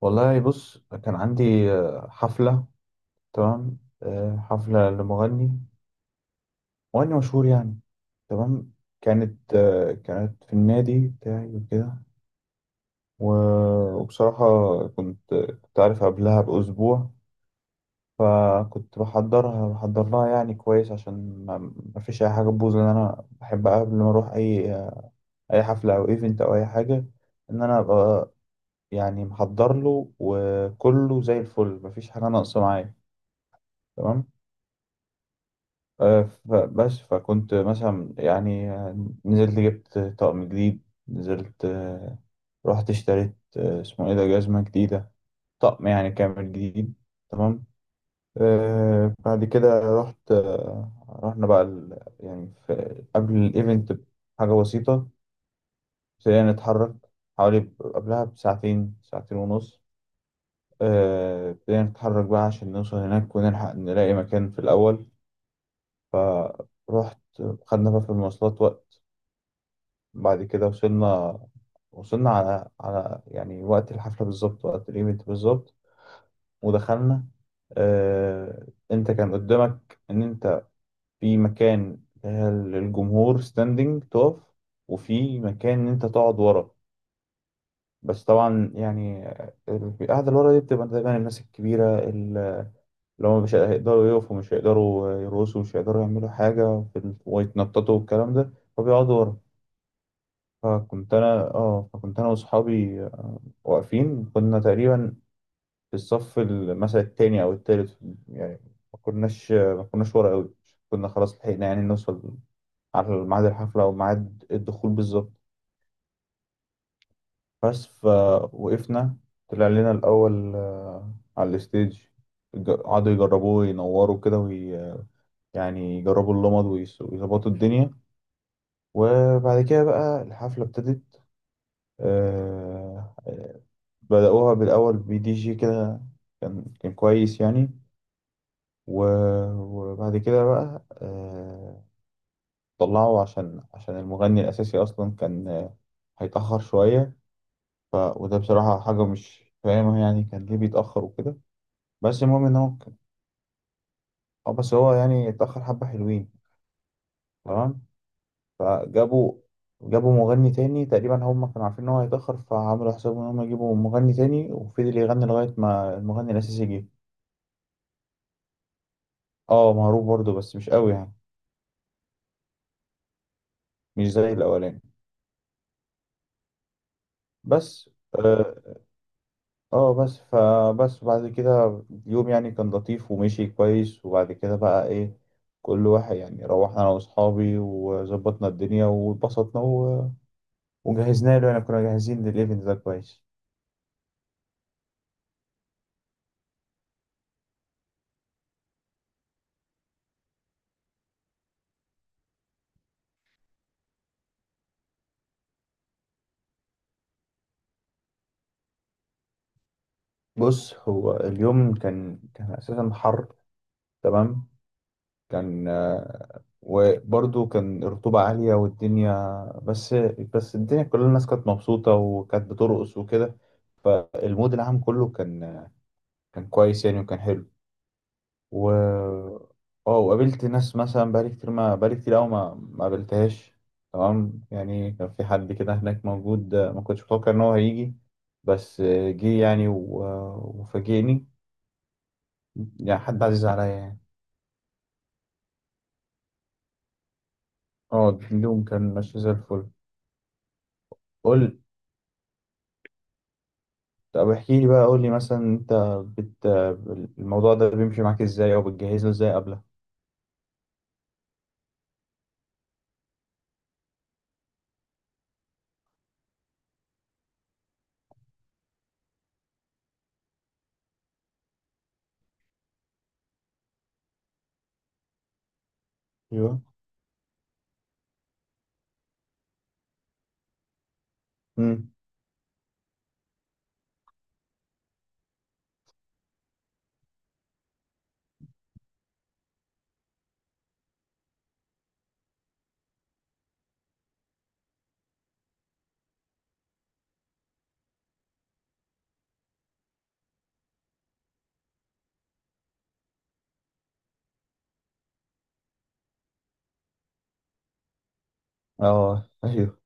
والله بص، كان عندي حفلة. تمام، حفلة لمغني، مشهور يعني. تمام. كانت في النادي بتاعي وكده. وبصراحة، كنت عارف قبلها بأسبوع، فكنت بحضر لها يعني كويس، عشان ما فيش أي حاجة تبوظ، لأن أنا بحب قبل ما أروح أي حفلة أو إيفنت أو أي حاجة، إن أنا أبقى يعني محضر له، وكله زي الفل، مفيش حاجة ناقصة معايا. تمام. فكنت مثلا يعني نزلت، جبت طقم جديد. نزلت آه، رحت اشتريت، اسمه ايه ده، جزمة جديدة، طقم يعني كامل جديد. تمام. بعد كده رحت آه، رحنا بقى، يعني في قبل الايفنت بحاجة بسيطة، ابتدينا نتحرك حوالي قبلها ساعتين ونص. ابتدينا نتحرك بقى عشان نوصل هناك ونلحق نلاقي مكان في الأول. فرحت، خدنا بقى في المواصلات وقت، بعد كده وصلنا. وصلنا على يعني وقت الحفلة بالظبط، وقت الايفنت بالظبط، ودخلنا. انت كان قدامك ان انت في مكان للجمهور ستاندنج تقف، وفي مكان ان انت تقعد ورا. بس طبعا يعني، القعدة اللي ورا دي بتبقى دايما الناس الكبيرة اللي هم مش هيقدروا يقفوا، مش هيقدروا يرقصوا، مش هيقدروا يعملوا حاجة في ويتنططوا والكلام ده، فبيقعدوا ورا. فكنت انا واصحابي واقفين، كنا تقريبا في الصف، مثلا التاني او التالت يعني، ما كناش ورا قوي، كنا خلاص لحقنا يعني نوصل على ميعاد الحفلة او ميعاد الدخول بالظبط. بس فوقفنا. طلع لنا الاول على الستيج، قعدوا يجربوه، ينوروا كده، يعني يجربوا اللمض، ويظبطوا الدنيا. وبعد كده بقى الحفلة ابتدت. آه... آه، بدأوها بالأول بدي جي كده. كان كويس يعني. و- وبعد كده بقى، طلعه عشان المغني الأساسي أصلا كان هيتأخر شوية. وده بصراحة حاجة مش فاهمها يعني، كان ليه بيتأخر وكده. بس المهم إن هو ك- آه، بس هو يعني اتأخر حبة حلوين. تمام. فجابوا جابوا مغني تاني. تقريبا هم كانوا عارفين إن هو هيتأخر، فعملوا حسابهم إن هم يجيبوا مغني تاني وفضل يغني لغاية ما المغني الأساسي جه. اه، معروف برضه بس مش قوي يعني، مش زي الأولاني. بس آه، اه بس فبس بعد كده اليوم يعني كان لطيف ومشي كويس، وبعد كده بقى ايه، كل واحد يعني روحنا انا واصحابي وظبطنا الدنيا واتبسطنا، وجهزنا له يعني، كنا جاهزين للايفنت ده كويس. بص، هو اليوم كان اساسا حر. تمام. كان آه، وبرضه كان الرطوبة عالية والدنيا، بس، الدنيا كل الناس كانت مبسوطة وكانت بترقص وكده، فالمود العام كله كان كويس يعني، وكان حلو. و اه وقابلت ناس مثلا، بقالي كتير ما بقالي كتير قوي، ما قابلتهاش. تمام يعني، كان في حد كده هناك موجود، ما كنتش متوقع ان هو هيجي، بس جه يعني، وفاجئني يعني، حد عزيز عليا يعني. اه، اليوم كان ماشي زي الفل. قول. طب احكي لي بقى، قول لي مثلا، انت بت الموضوع ده بيمشي معاك ازاي او بتجهز له ازاي قبله؟ ايوه. امم. اه ايوه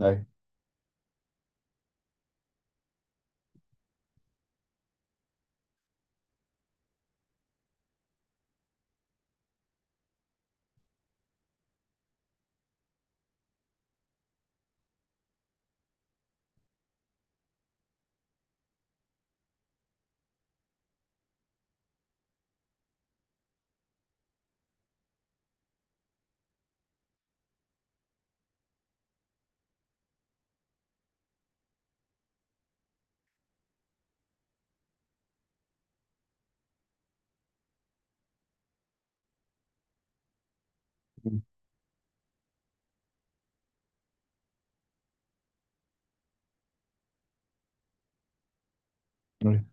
ايوه. أمم.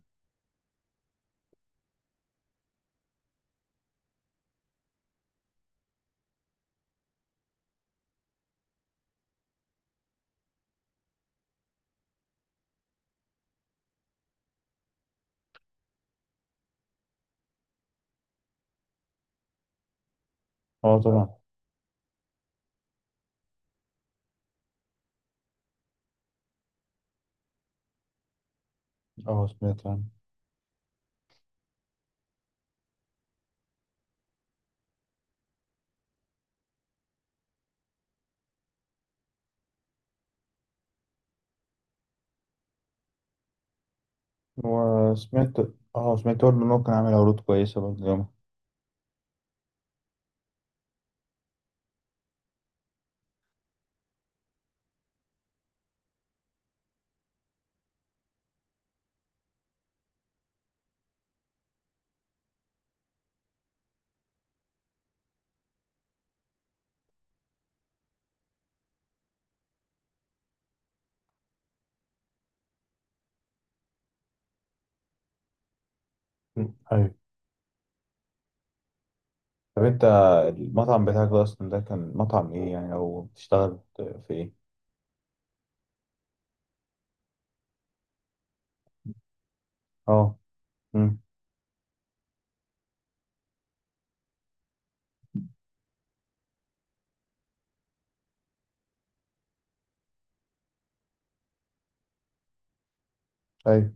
اه طبعا. اه سمعت عنه. وسمعت اه سمعت برضه إن هو كان عامل عروض كويسة برضه يومها. مم. أيوة. طب أنت، المطعم بتاعك ده أصلا ده كان مطعم إيه يعني، أو بتشتغل في إيه؟ اه. أمم. أيوه.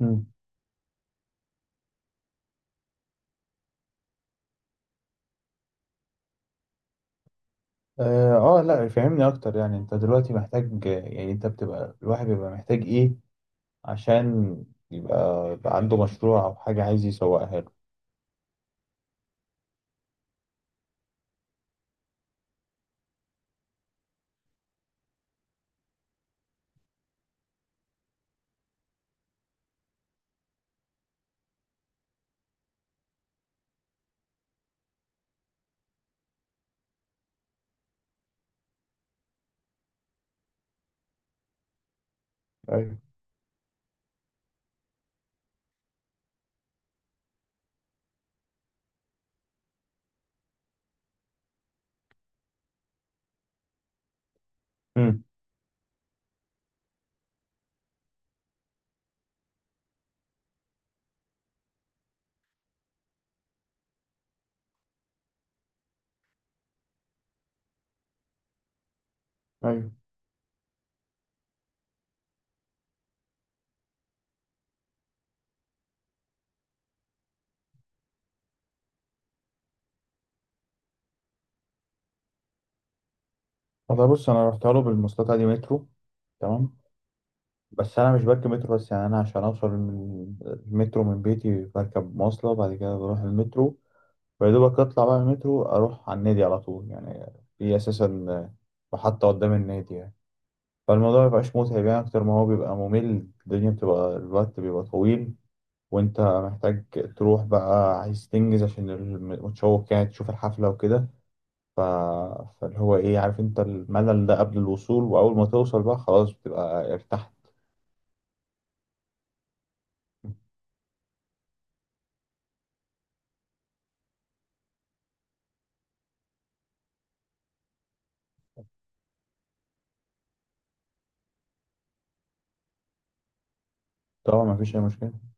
أمم. اه، لا، فهمني أكتر يعني، أنت دلوقتي محتاج، يعني أنت الواحد بيبقى محتاج إيه عشان يبقى عنده مشروع أو حاجة عايز يسوقها له؟ أيوة. أمم. أيوة. والله بص، انا رحت له بالمواصلات عادي، مترو. تمام. بس انا مش بركب مترو بس، يعني انا عشان اوصل من من بيتي بركب مواصله، بعد كده بروح المترو، ويا دوبك اطلع بقى من المترو اروح على النادي على طول يعني، في اساسا محطه قدام النادي يعني. فالموضوع مبيبقاش متعب يعني، اكتر ما هو بيبقى ممل، الدنيا بتبقى، الوقت بيبقى طويل، وانت محتاج تروح بقى، عايز تنجز عشان متشوق يعني تشوف الحفله وكده. ف... فاللي هو ايه، عارف انت الملل ده قبل الوصول، واول ما توصل بقى خلاص بتبقى ارتحت. طبعا مفيش اي مشكله.